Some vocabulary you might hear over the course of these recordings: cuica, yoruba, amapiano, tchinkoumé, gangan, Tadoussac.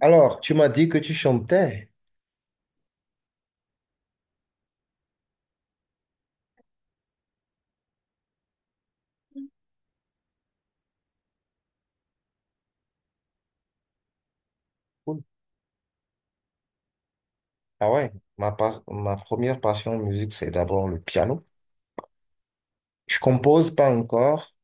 Alors, tu m'as dit que tu chantais. Cool. Ah ouais, ma, ma première passion en musique, c'est d'abord le piano. Je compose pas encore.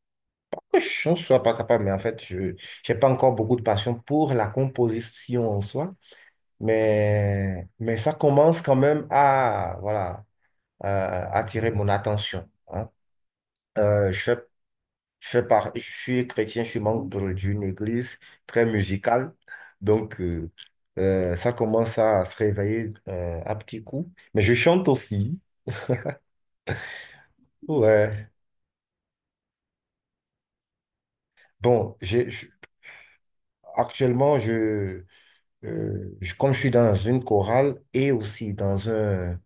Que Je ne sois pas capable, mais en fait, je n'ai pas encore beaucoup de passion pour la composition en soi. Mais ça commence quand même à, voilà, attirer mon attention, hein. Euh, je fais Je fais je suis chrétien, je suis membre d'une église très musicale. Donc, ça commence à se réveiller à petits coups. Mais je chante aussi. Ouais. Bon, actuellement, comme je suis dans une chorale et aussi dans un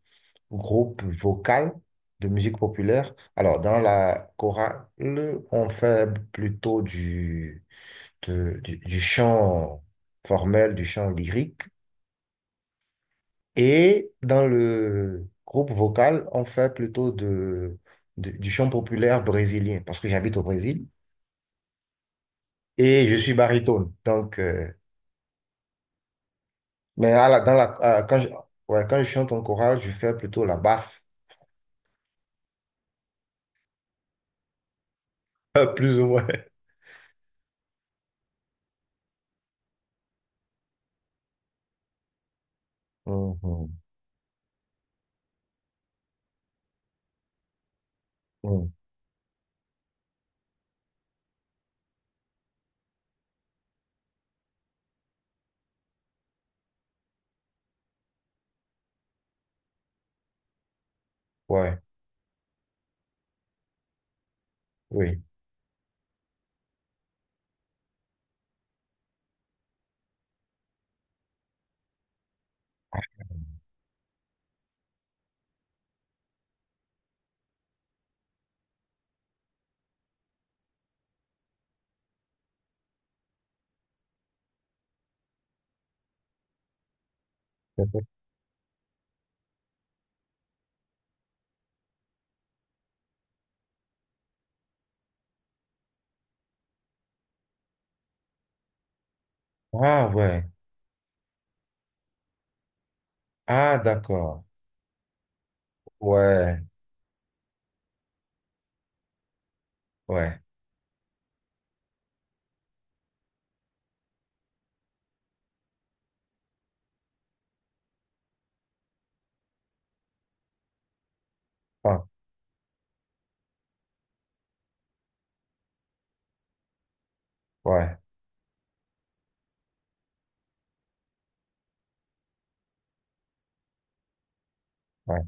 groupe vocal de musique populaire, alors dans la chorale, on fait plutôt du chant formel, du chant lyrique. Et dans le groupe vocal, on fait plutôt du chant populaire brésilien, parce que j'habite au Brésil et je suis baryton. Donc, mais à la- dans la, à- quand je, ouais, quand je chante en chorale, je fais plutôt la basse. Plus ou moins. Mhm, mhm. Ouais, oui. Ah, ouais. Ah, d'accord. Ouais, ouais. Ah, ouais, ouais.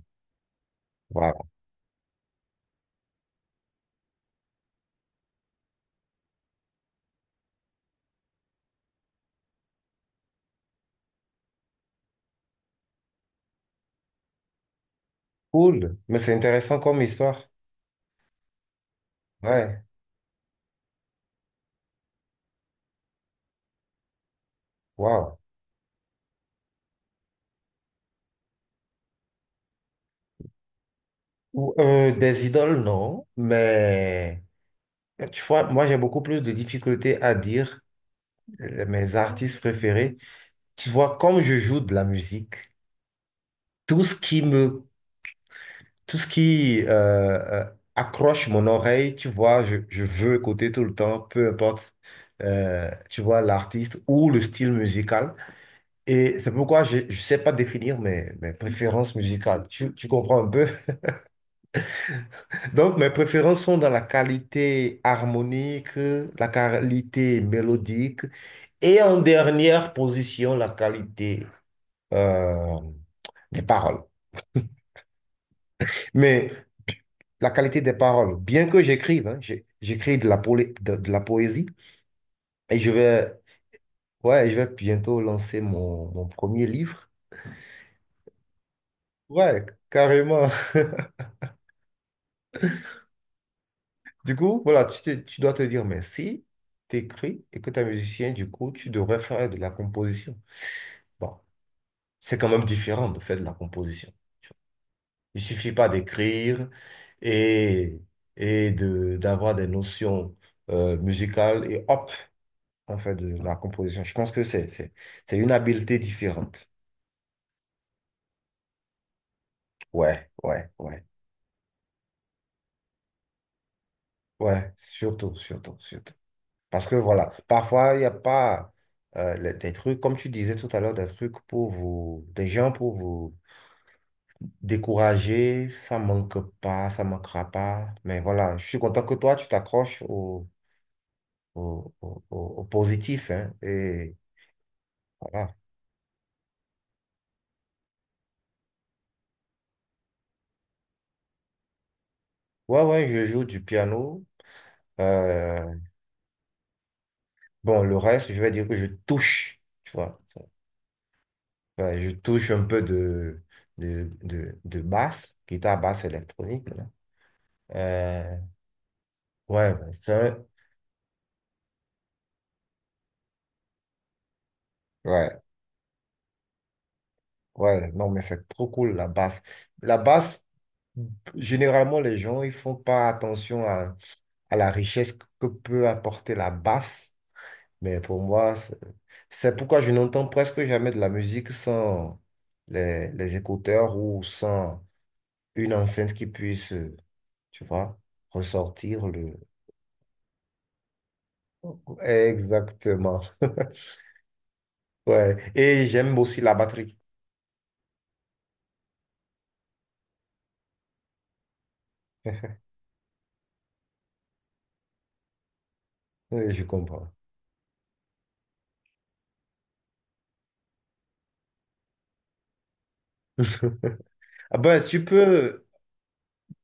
Wow. Cool. Mais c'est intéressant comme histoire. Ouais, wow. Des idoles, non, mais. Tu vois, moi, j'ai beaucoup plus de difficultés à dire mes artistes préférés. Tu vois, comme je joue de la musique, tout ce qui me, tout ce qui accroche mon oreille, tu vois, je veux écouter tout le temps, peu importe, tu vois, l'artiste ou le style musical. Et c'est pourquoi je ne sais pas définir mes préférences musicales. Tu comprends un peu? Donc, mes préférences sont dans la qualité harmonique, la qualité mélodique, et en dernière position, la qualité euh, des paroles. Mais la qualité des paroles, bien que j'écrive, hein, j'écris de la, de la poésie et je vais, ouais, je vais bientôt lancer mon premier livre. Ouais, carrément. Du coup, voilà, tu dois te dire, mais si tu écris et que tu es musicien, du coup, tu devrais faire de la composition. Bon, c'est quand même différent de faire de la composition. Il suffit pas d'écrire et, et d'avoir des notions musicales et hop, on fait de la composition. Je pense que c'est une habileté différente. Ouais, ouais, ouais, ouais, surtout, surtout, surtout. Parce que voilà, parfois, il n'y a pas des trucs, comme tu disais tout à l'heure, des trucs pour vous, des gens pour vous décourager. Ça manque pas, ça manquera pas. Mais voilà, je suis content que toi, tu t'accroches au positif, hein, et voilà. Ouais, ouais, je joue du piano. Euh, bon, le reste, je vais dire que je touche, tu vois. Ouais, je touche un peu de basse, guitare basse électronique, là. Euh, ouais, ouais, c'est un- ouais, ouais, non, mais c'est trop cool, la basse. La basse, généralement, les gens, ils font pas attention à la richesse que peut apporter la basse. Mais pour moi, c'est pourquoi je n'entends presque jamais de la musique sans les écouteurs ou sans une enceinte qui puisse, tu vois, ressortir le... Exactement. Ouais. Et j'aime aussi la batterie. Oui, je comprends. Ah ben, tu peux,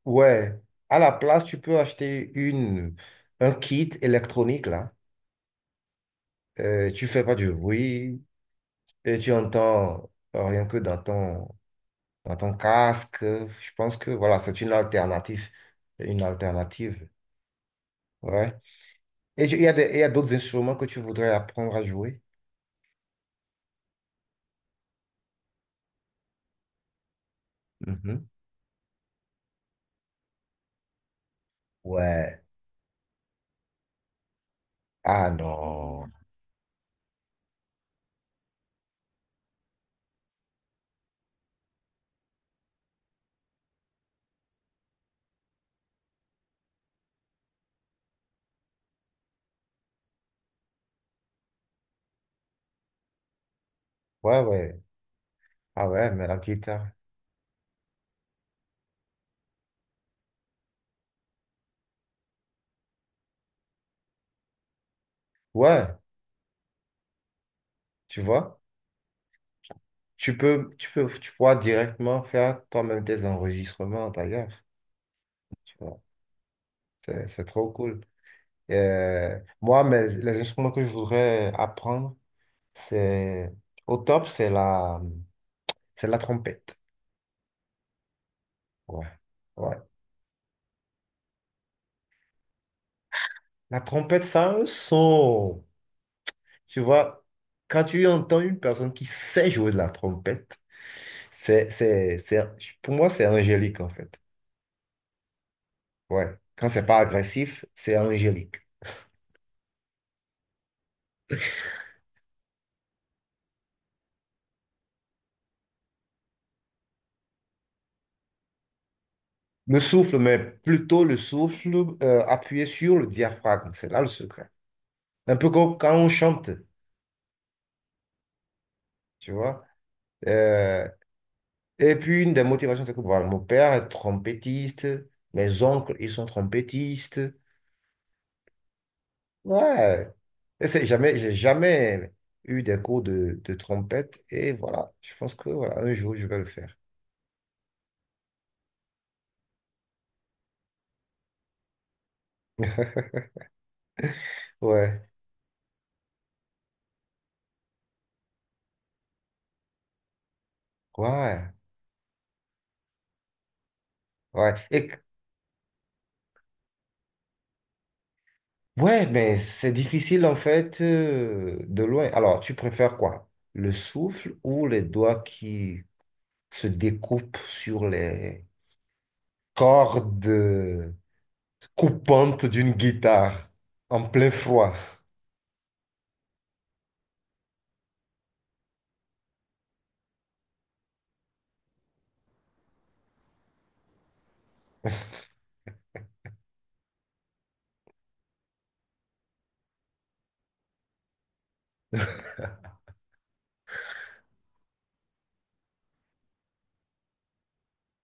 ouais, à la place, tu peux acheter un kit électronique, là. Tu fais pas du bruit et tu entends rien que dans dans ton casque. Je pense que voilà, c'est une alternative. Une alternative. Ouais. Et il y a d'autres instruments que tu voudrais apprendre à jouer? Mhm. Ouais. Ah non. Ouais, ouais. Ah ouais, mais la guitare. Ouais, tu vois. Tu pourras directement faire toi-même tes enregistrements d'ailleurs. Tu vois. C'est trop cool. Les instruments que je voudrais apprendre, c'est au top, c'est la trompette. Ouais, ouais. La trompette, ça a un son. Tu vois, quand tu entends une personne qui sait jouer de la trompette, c'est, pour moi, c'est angélique, en fait. Ouais. Quand c'est pas agressif, c'est angélique. Le souffle, mais plutôt le souffle appuyé sur le diaphragme. C'est là le secret. Un peu comme quand on chante, tu vois. Euh, et puis, une des motivations, c'est que voilà, mon père est trompettiste, mes oncles, ils sont trompettistes. Ouais. Et c'est jamais, j'ai jamais eu des cours de trompette et voilà, je pense que voilà, un jour je vais le faire. Ouais, ouais, ouais. Et, ouais, mais c'est difficile en fait de loin. Alors, tu préfères quoi? Le souffle ou les doigts qui se découpent sur les cordes coupantes d'une guitare en plein froid?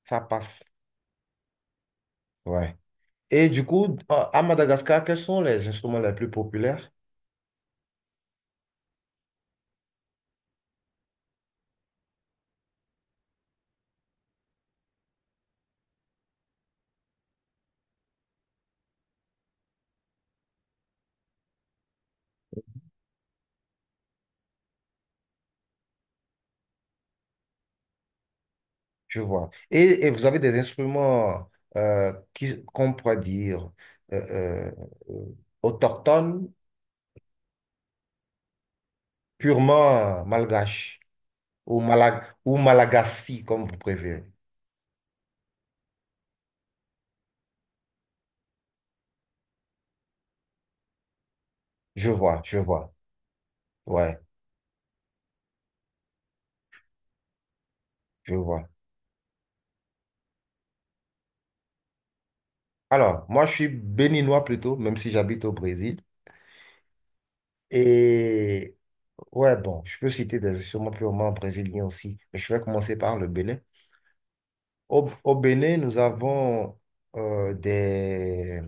Ça passe. Ouais. Et du coup, à Madagascar, quels sont les instruments les plus populaires? Je vois. Et vous avez des instruments qu'on pourrait dire euh, euh, euh, autochtones, purement malgaches ou, malag ou malagasy, comme vous préférez. Je vois, je vois. Ouais, je vois. Alors, moi, je suis béninois plutôt, même si j'habite au Brésil. Et ouais, bon, je peux citer des instruments purement brésiliens aussi. Mais je vais commencer par le Bénin. Au Bénin, nous avons des...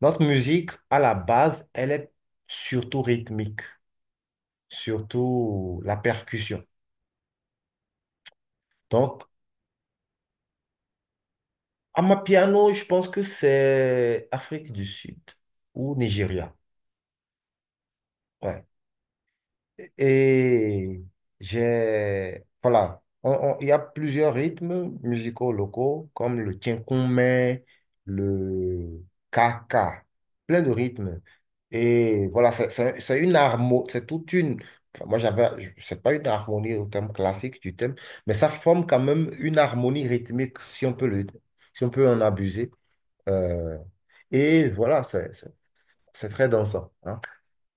Notre musique, à la base, elle est surtout rythmique, surtout la percussion. Donc, amapiano, je pense que c'est Afrique du Sud ou Nigeria. Ouais. Et j'ai, voilà, il y a plusieurs rythmes musicaux locaux, comme le tchinkoumé, le kaka, plein de rythmes. Et voilà, c'est une harmonie, c'est toute une, enfin, c'est pas une harmonie au terme classique du thème, mais ça forme quand même une harmonie rythmique, si on peut en abuser. Euh, et voilà, c'est très dansant, hein.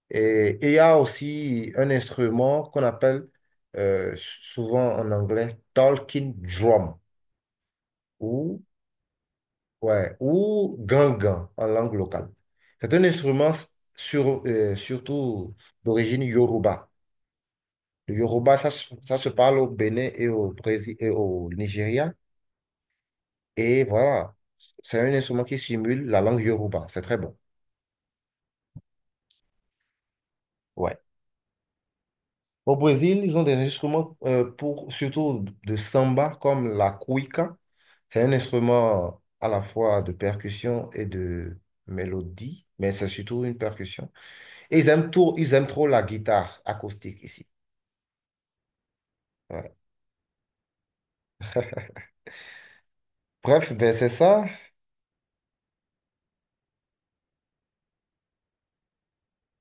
Et il y a aussi un instrument qu'on appelle souvent en anglais talking drum ou, ouais, ou gangan en langue locale. C'est un instrument surtout d'origine yoruba. Le yoruba, ça se parle au Bénin et au Brésil et au Nigeria. Et voilà, c'est un instrument qui simule la langue yoruba. C'est très bon. Ouais. Au Brésil, ils ont des instruments pour surtout de samba comme la cuica. C'est un instrument à la fois de percussion et de mélodie, mais c'est surtout une percussion. Et ils aiment trop la guitare acoustique ici. Ouais. Bref, ben c'est ça.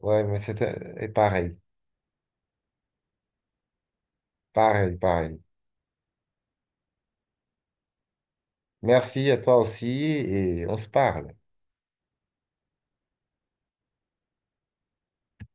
Ouais, mais c'était et pareil, pareil, pareil. Merci à toi aussi et on se parle.